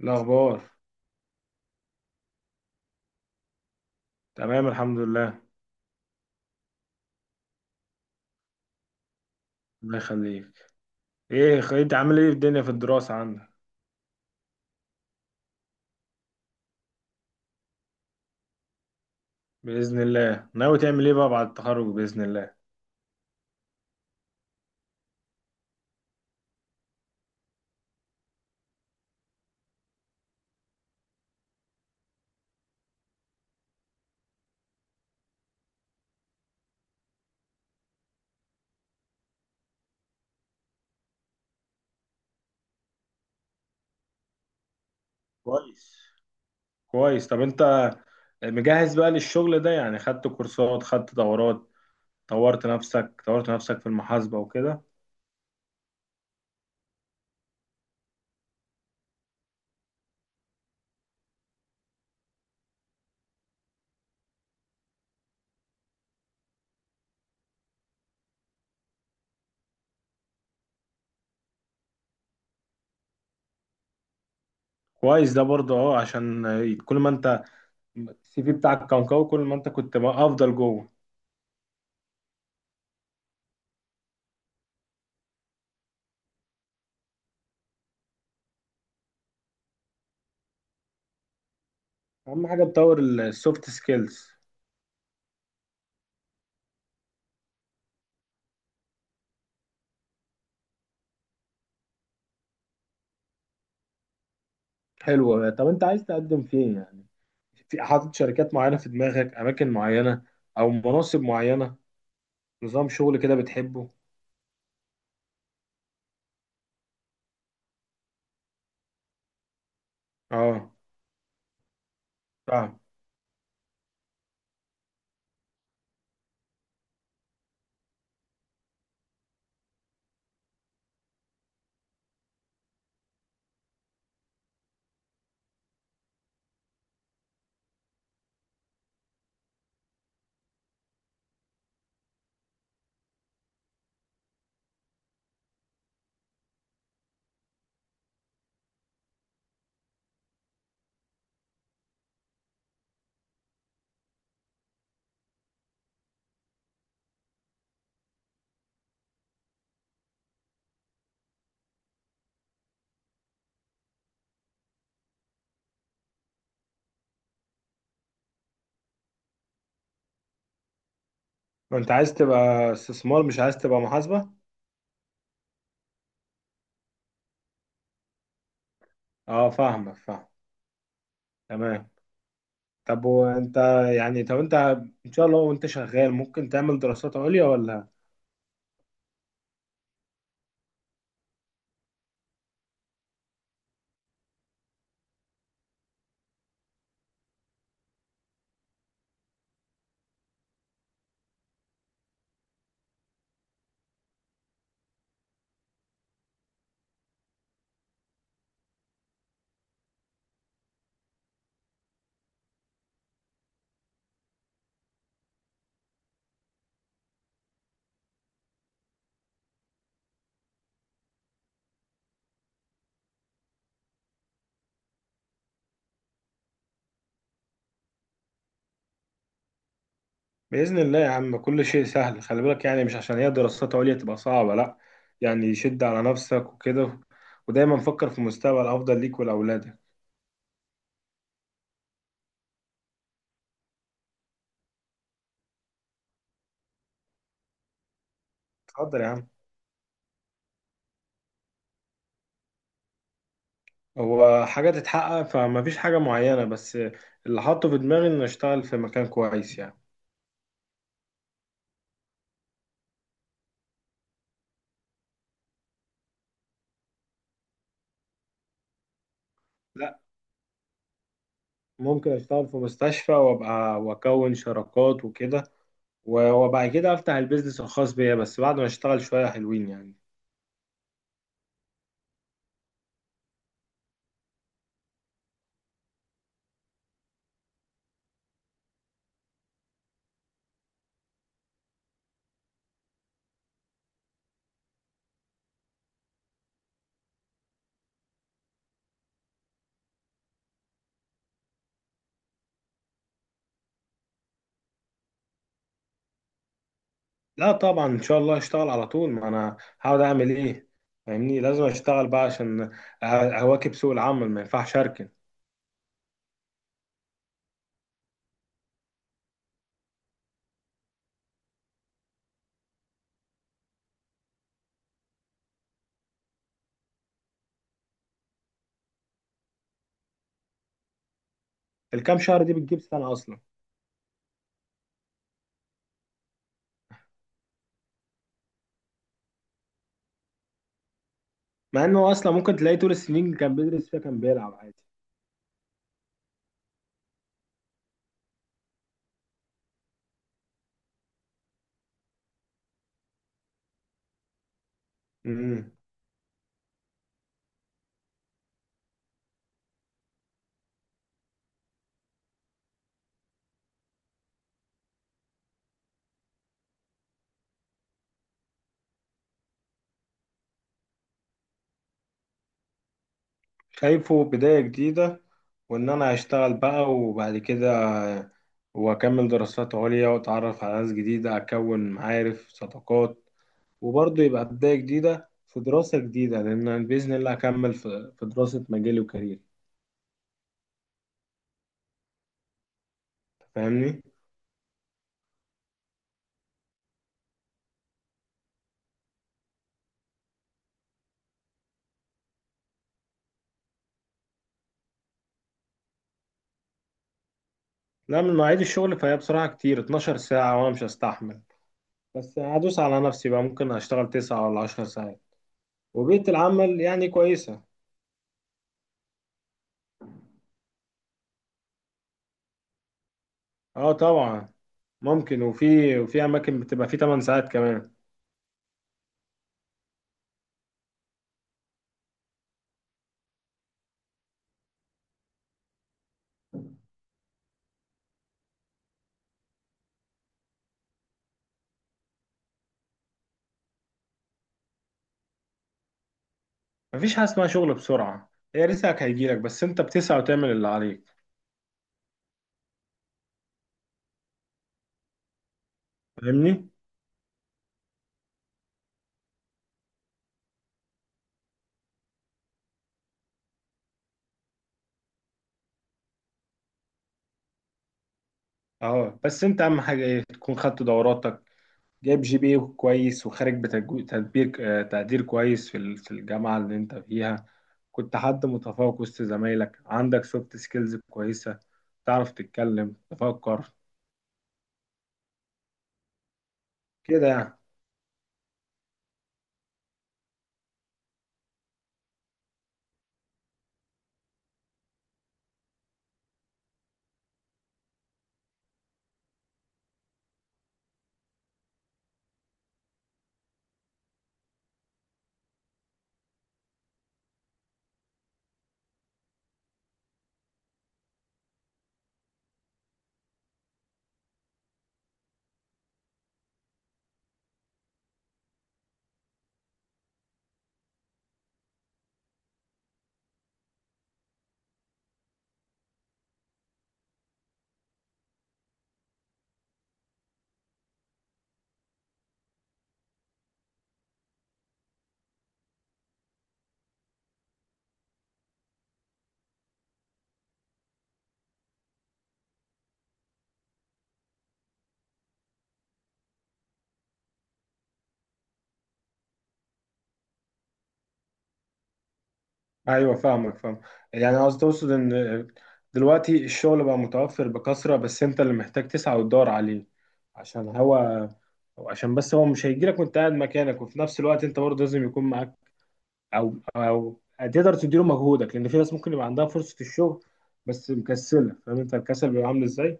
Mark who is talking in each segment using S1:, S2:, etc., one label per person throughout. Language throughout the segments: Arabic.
S1: الأخبار. تمام، الحمد لله. الله يخليك. إيه، أنت عامل إيه في الدنيا، في الدراسة عندك؟ بإذن الله. ناوي تعمل إيه بقى بعد التخرج بإذن الله؟ كويس. كويس. طب أنت مجهز بقى للشغل ده يعني؟ خدت كورسات، خدت دورات، طورت نفسك طورت نفسك في المحاسبة وكده؟ كويس، ده برضه أه، عشان كل ما أنت السي في بتاعك كان قوي، كل ما أنت كنت بقى أفضل جوه. أهم حاجة تطور السوفت سكيلز. حلوة. طب أنت عايز تقدم فين يعني؟ في حاطط شركات معينة في دماغك، أماكن معينة أو مناصب معينة؟ نظام شغل كده بتحبه؟ اه، فاهم. ما أنت عايز تبقى استثمار، مش عايز تبقى محاسبة. اه، فاهمك، فاهم. تمام. طب وأنت يعني طب أنت، إن شاء الله وأنت شغال ممكن تعمل دراسات عليا ولا؟ بإذن الله يا عم، كل شيء سهل. خلي بالك، يعني مش عشان هي دراسات عليا تبقى صعبة، لأ. يعني شد على نفسك وكده، ودايما فكر في مستقبل أفضل ليك ولأولادك. اتفضل يا عم. هو حاجة تتحقق فمفيش حاجة معينة، بس اللي حاطه في دماغي إن أشتغل في مكان كويس يعني. لا، ممكن أشتغل في مستشفى وأبقى وأكون شراكات وكده، وبعد كده أفتح البيزنس الخاص بيا، بس بعد ما أشتغل شوية حلوين يعني. لا طبعا، إن شاء الله أشتغل على طول، ما أنا هقعد أعمل إيه؟ فاهمني؟ لازم أشتغل بقى عشان أواكب سوق العمل، ما ينفعش أركن. الكام شهر دي بتجيب سنة أصلا، مع إنه أصلا ممكن تلاقيه طول السنين اللي كان بيدرس فيها كان بيلعب عادي. مم. شايفه بداية جديدة، وإن أنا أشتغل بقى وبعد كده، وأكمل دراسات عليا وأتعرف على ناس جديدة، أكون معارف صداقات. وبرضه يبقى بداية جديدة في دراسة جديدة، لأن أنا بإذن الله أكمل في دراسة مجالي وكاريري. فاهمني؟ لا، من مواعيد الشغل فهي بصراحة كتير، 12 ساعة وأنا مش هستحمل. بس هدوس على نفسي بقى، ممكن أشتغل 9 ولا 10 ساعات. وبيئة العمل يعني كويسة. أه طبعا، ممكن، وفي أماكن بتبقى فيه 8 ساعات كمان. مفيش حاجة اسمها شغل بسرعة، هي رزقك هيجيلك، بس انت بتسعى وتعمل اللي عليك. فاهمني؟ اه، بس انت اهم حاجة ايه؟ تكون خدت دوراتك، جايب جي بي إيه كويس، وخارج بتجو- تدبير آه، تقدير كويس في في الجامعة اللي انت فيها، كنت حد متفوق وسط زمايلك، عندك سوفت سكيلز كويسة، تعرف تتكلم، تفكر كده يعني. ايوه، فاهمك، فاهم. يعني قصدي تقصد ان دلوقتي الشغل بقى متوفر بكثره، بس انت اللي محتاج تسعى وتدور عليه، عشان هو، أو عشان بس هو مش هيجيلك وانت قاعد مكانك. وفي نفس الوقت انت برضه لازم يكون معاك، او تقدر تديله مجهودك، لان في ناس ممكن يبقى عندها فرصه الشغل بس مكسله. فاهم انت الكسل بيبقى عامل ازاي؟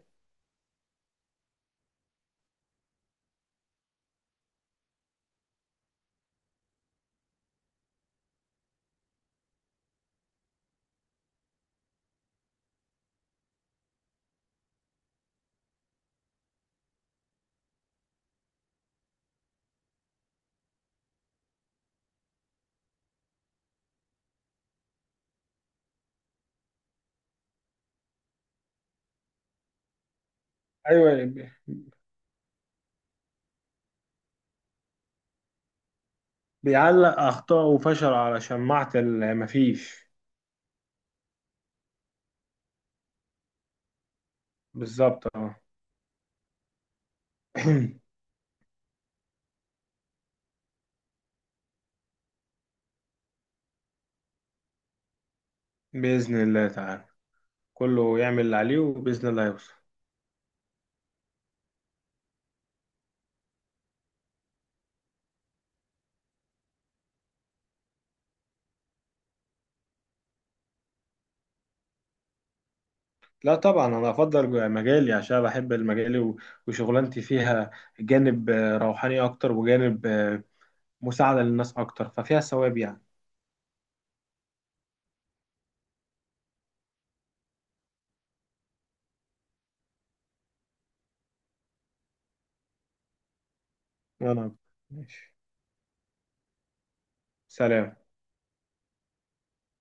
S1: ايوه، بيعلق اخطاء وفشل على شماعه اللي مفيش. بالظبط، اه. باذن الله تعالى. كله يعمل اللي عليه وباذن الله هيوصل. لا طبعا، انا افضل مجالي عشان بحب المجالي، وشغلانتي فيها جانب روحاني اكتر، وجانب مساعدة للناس اكتر، ففيها ثواب يعني. وانا ماشي. سلام.